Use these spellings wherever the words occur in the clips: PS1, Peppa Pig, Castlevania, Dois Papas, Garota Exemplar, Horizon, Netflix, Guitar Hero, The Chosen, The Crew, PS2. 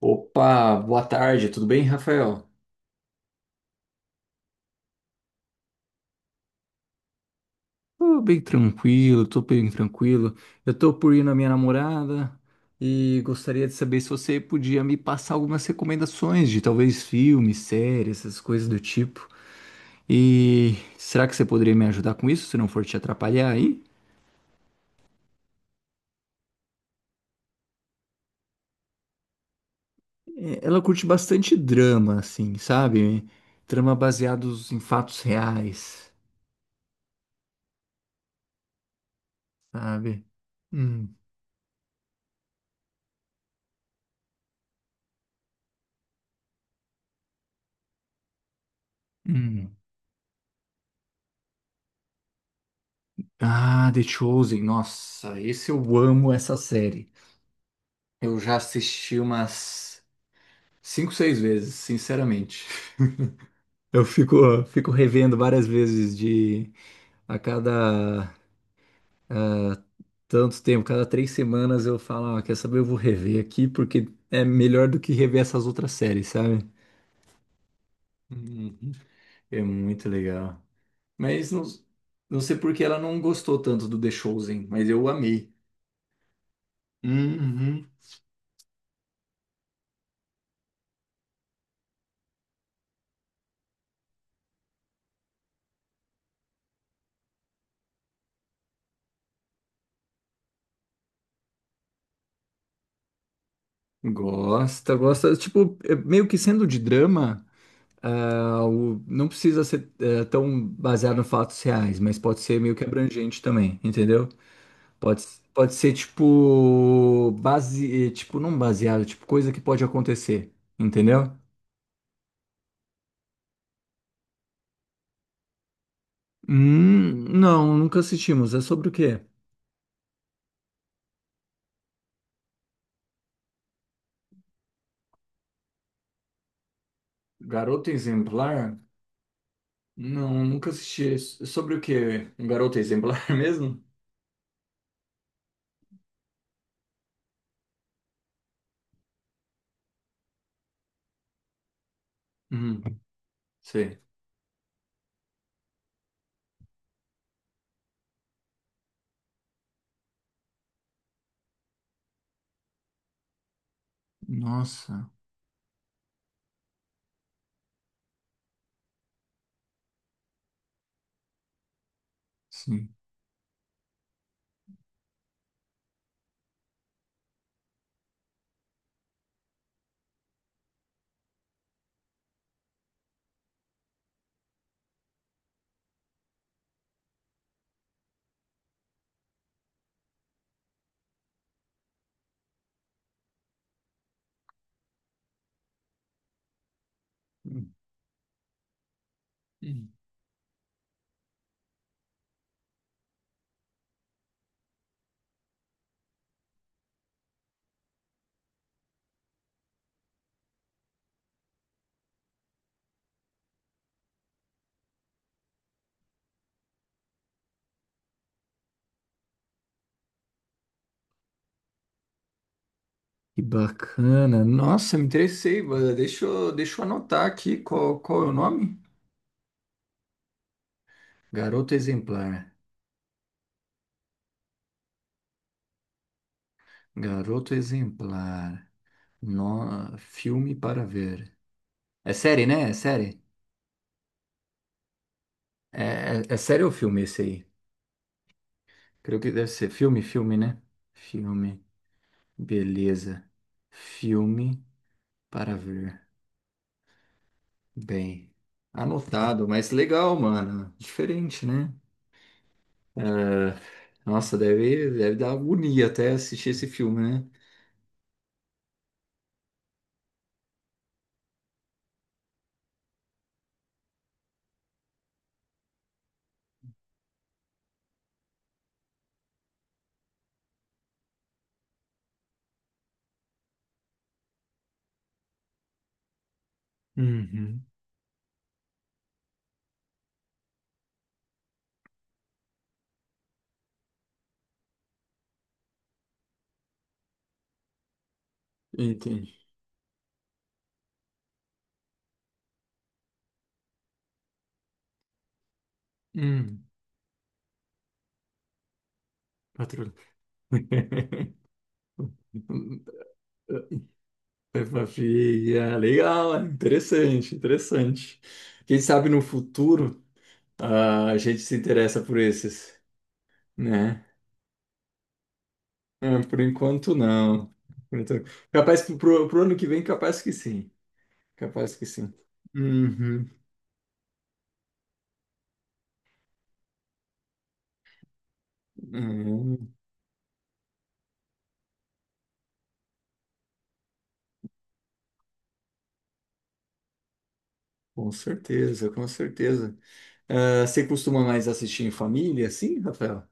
Opa, boa tarde, tudo bem, Rafael? Tô bem tranquilo, tô bem tranquilo. Eu tô por ir na minha namorada e gostaria de saber se você podia me passar algumas recomendações de talvez filmes, séries, essas coisas do tipo. E será que você poderia me ajudar com isso, se não for te atrapalhar aí? É, ela curte bastante drama, assim, sabe? Drama baseados em fatos reais, sabe? Hum, hum. Ah, The Chosen. Nossa, esse eu amo essa série. Eu já assisti umas cinco, seis vezes, sinceramente. Eu fico, fico revendo várias vezes de a cada tanto tempo, cada três semanas eu falo, ah, quer saber, eu vou rever aqui porque é melhor do que rever essas outras séries, sabe? Uhum. É muito legal. Mas não, não sei por que ela não gostou tanto do The Chosen, mas eu amei. Uhum. Gosta, gosta. Tipo, é meio que sendo de drama, ah, não precisa ser tão baseado em fatos reais, mas pode ser meio que abrangente também, entendeu? Pode, pode ser tipo, base, tipo, não baseado, tipo, coisa que pode acontecer, entendeu? Não, nunca assistimos. É sobre o quê? Garota Exemplar? Não, nunca assisti. É sobre o quê? Um garoto exemplar mesmo? Hum, sei. Nossa, sim. Que bacana. Nossa, me interessei. Bada. Deixa eu anotar aqui qual, qual é o nome? Garoto Exemplar. Garoto Exemplar. No... Filme para ver. É série, né? É série? É, é série ou filme esse aí? Creio que deve ser filme, filme, né? Filme. Beleza. Filme para ver. Bem, anotado, mas legal, mano. Diferente, né? É, nossa, deve dar agonia até assistir esse filme, né? Uhum. Entendi. Hum, patrulha. Peppa Pig, ah, legal, ah, interessante, interessante. Quem sabe no futuro ah, a gente se interessa por esses, né? Ah, por enquanto não. Por capaz que pro ano que vem, capaz que sim. Capaz que sim. Uhum. Uhum. Com certeza, com certeza. Ah, você costuma mais assistir em família, sim, Rafael?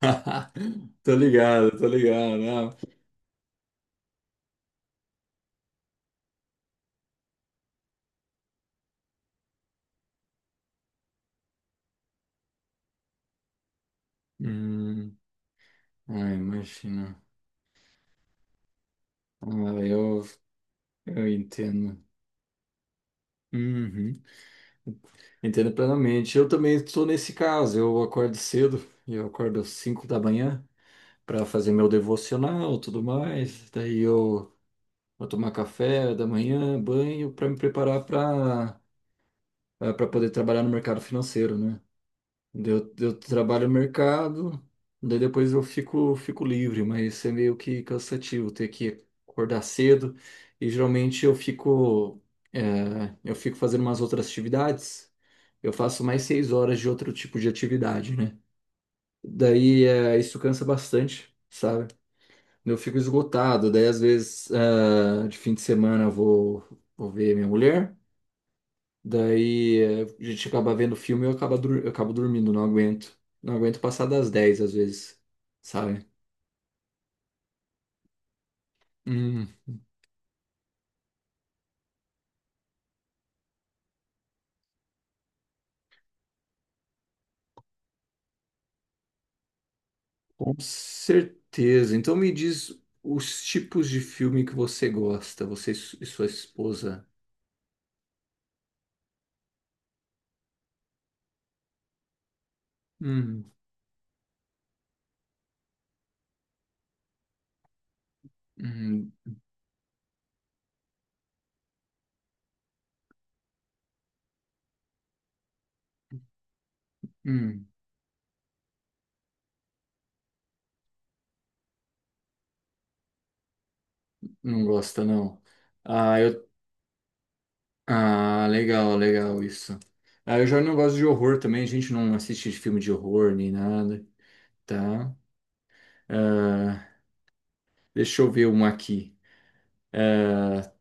Tô ligado, tô ligado. Ah, hum, ah, imagina. Ah, eu, eu entendo. Uhum. Entendo plenamente. Eu também estou nesse caso. Eu acordo cedo, eu acordo às 5 da manhã para fazer meu devocional, tudo mais. Daí eu vou tomar café da manhã, banho, para me preparar para para poder trabalhar no mercado financeiro, né? Daí eu trabalho no mercado, daí depois eu fico, fico livre, mas é meio que cansativo ter que acordar cedo. E geralmente eu fico, é, eu fico fazendo umas outras atividades. Eu faço mais seis horas de outro tipo de atividade, né? Daí é, isso cansa bastante, sabe? Eu fico esgotado. Daí às vezes, é, de fim de semana, vou ver minha mulher. Daí a gente acaba vendo filme e eu acabo, eu acabo dormindo, não aguento. Não aguento passar das 10 às vezes, sabe? Hum, com certeza. Então me diz os tipos de filme que você gosta, você e e sua esposa. Hum, hum, hum, não gosta, não. Ah, eu... Ah, legal, legal isso. Ah, eu já não gosto de horror também, a gente não assiste filme de horror nem nada, tá? Ah, deixa eu ver um aqui.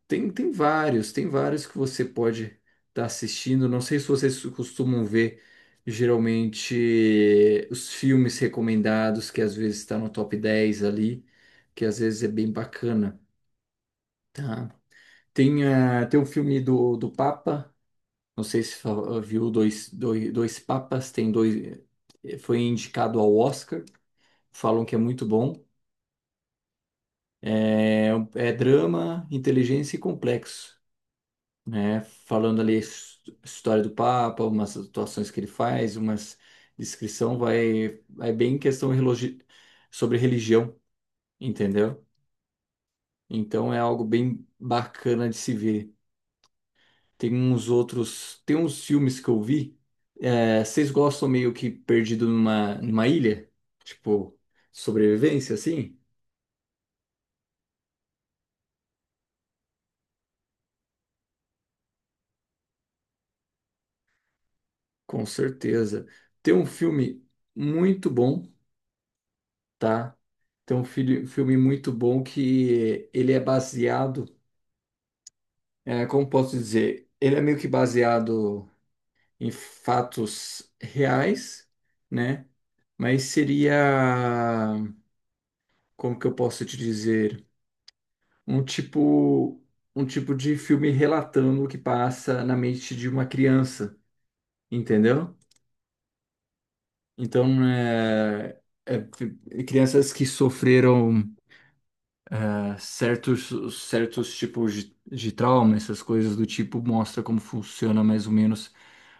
Tem vários que você pode estar assistindo. Não sei se vocês costumam ver geralmente os filmes recomendados, que às vezes está no top 10 ali, que às vezes é bem bacana, tá? Tem, ah, tem um filme do, do Papa, não sei se ah, viu dois, dois Papas, tem dois, foi indicado ao Oscar, falam que é muito bom. É, é drama, inteligência e complexo. Né? Falando ali a história do Papa, umas atuações que ele faz, umas descrição vai é bem questão sobre religião, entendeu? Então é algo bem bacana de se ver. Tem uns filmes que eu vi. É, vocês gostam meio que perdido numa ilha, tipo sobrevivência, assim? Com certeza. Tem um filme muito bom, tá? Tem um filme muito bom que ele é baseado. É, como posso dizer, ele é meio que baseado em fatos reais, né? Mas seria, como que eu posso te dizer, um tipo, um tipo de filme relatando o que passa na mente de uma criança, entendeu? Então, é, crianças que sofreram certos tipos de trauma, essas coisas do tipo, mostra como funciona mais ou menos,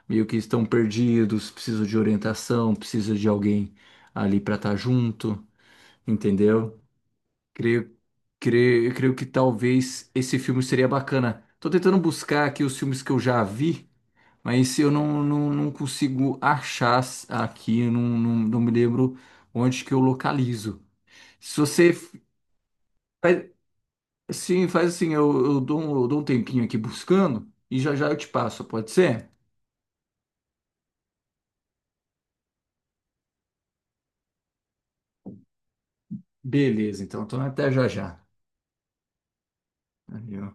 meio que estão perdidos, precisa de orientação, precisa de alguém ali para estar junto, entendeu? Creio, creio que talvez esse filme seria bacana. Tô tentando buscar aqui os filmes que eu já vi, mas eu não, não, não consigo achar aqui, eu não, não, não me lembro onde que eu localizo. Se você sim, faz assim, eu dou um tempinho aqui buscando e já já eu te passo, pode ser? Beleza, então, então até já já. Valeu.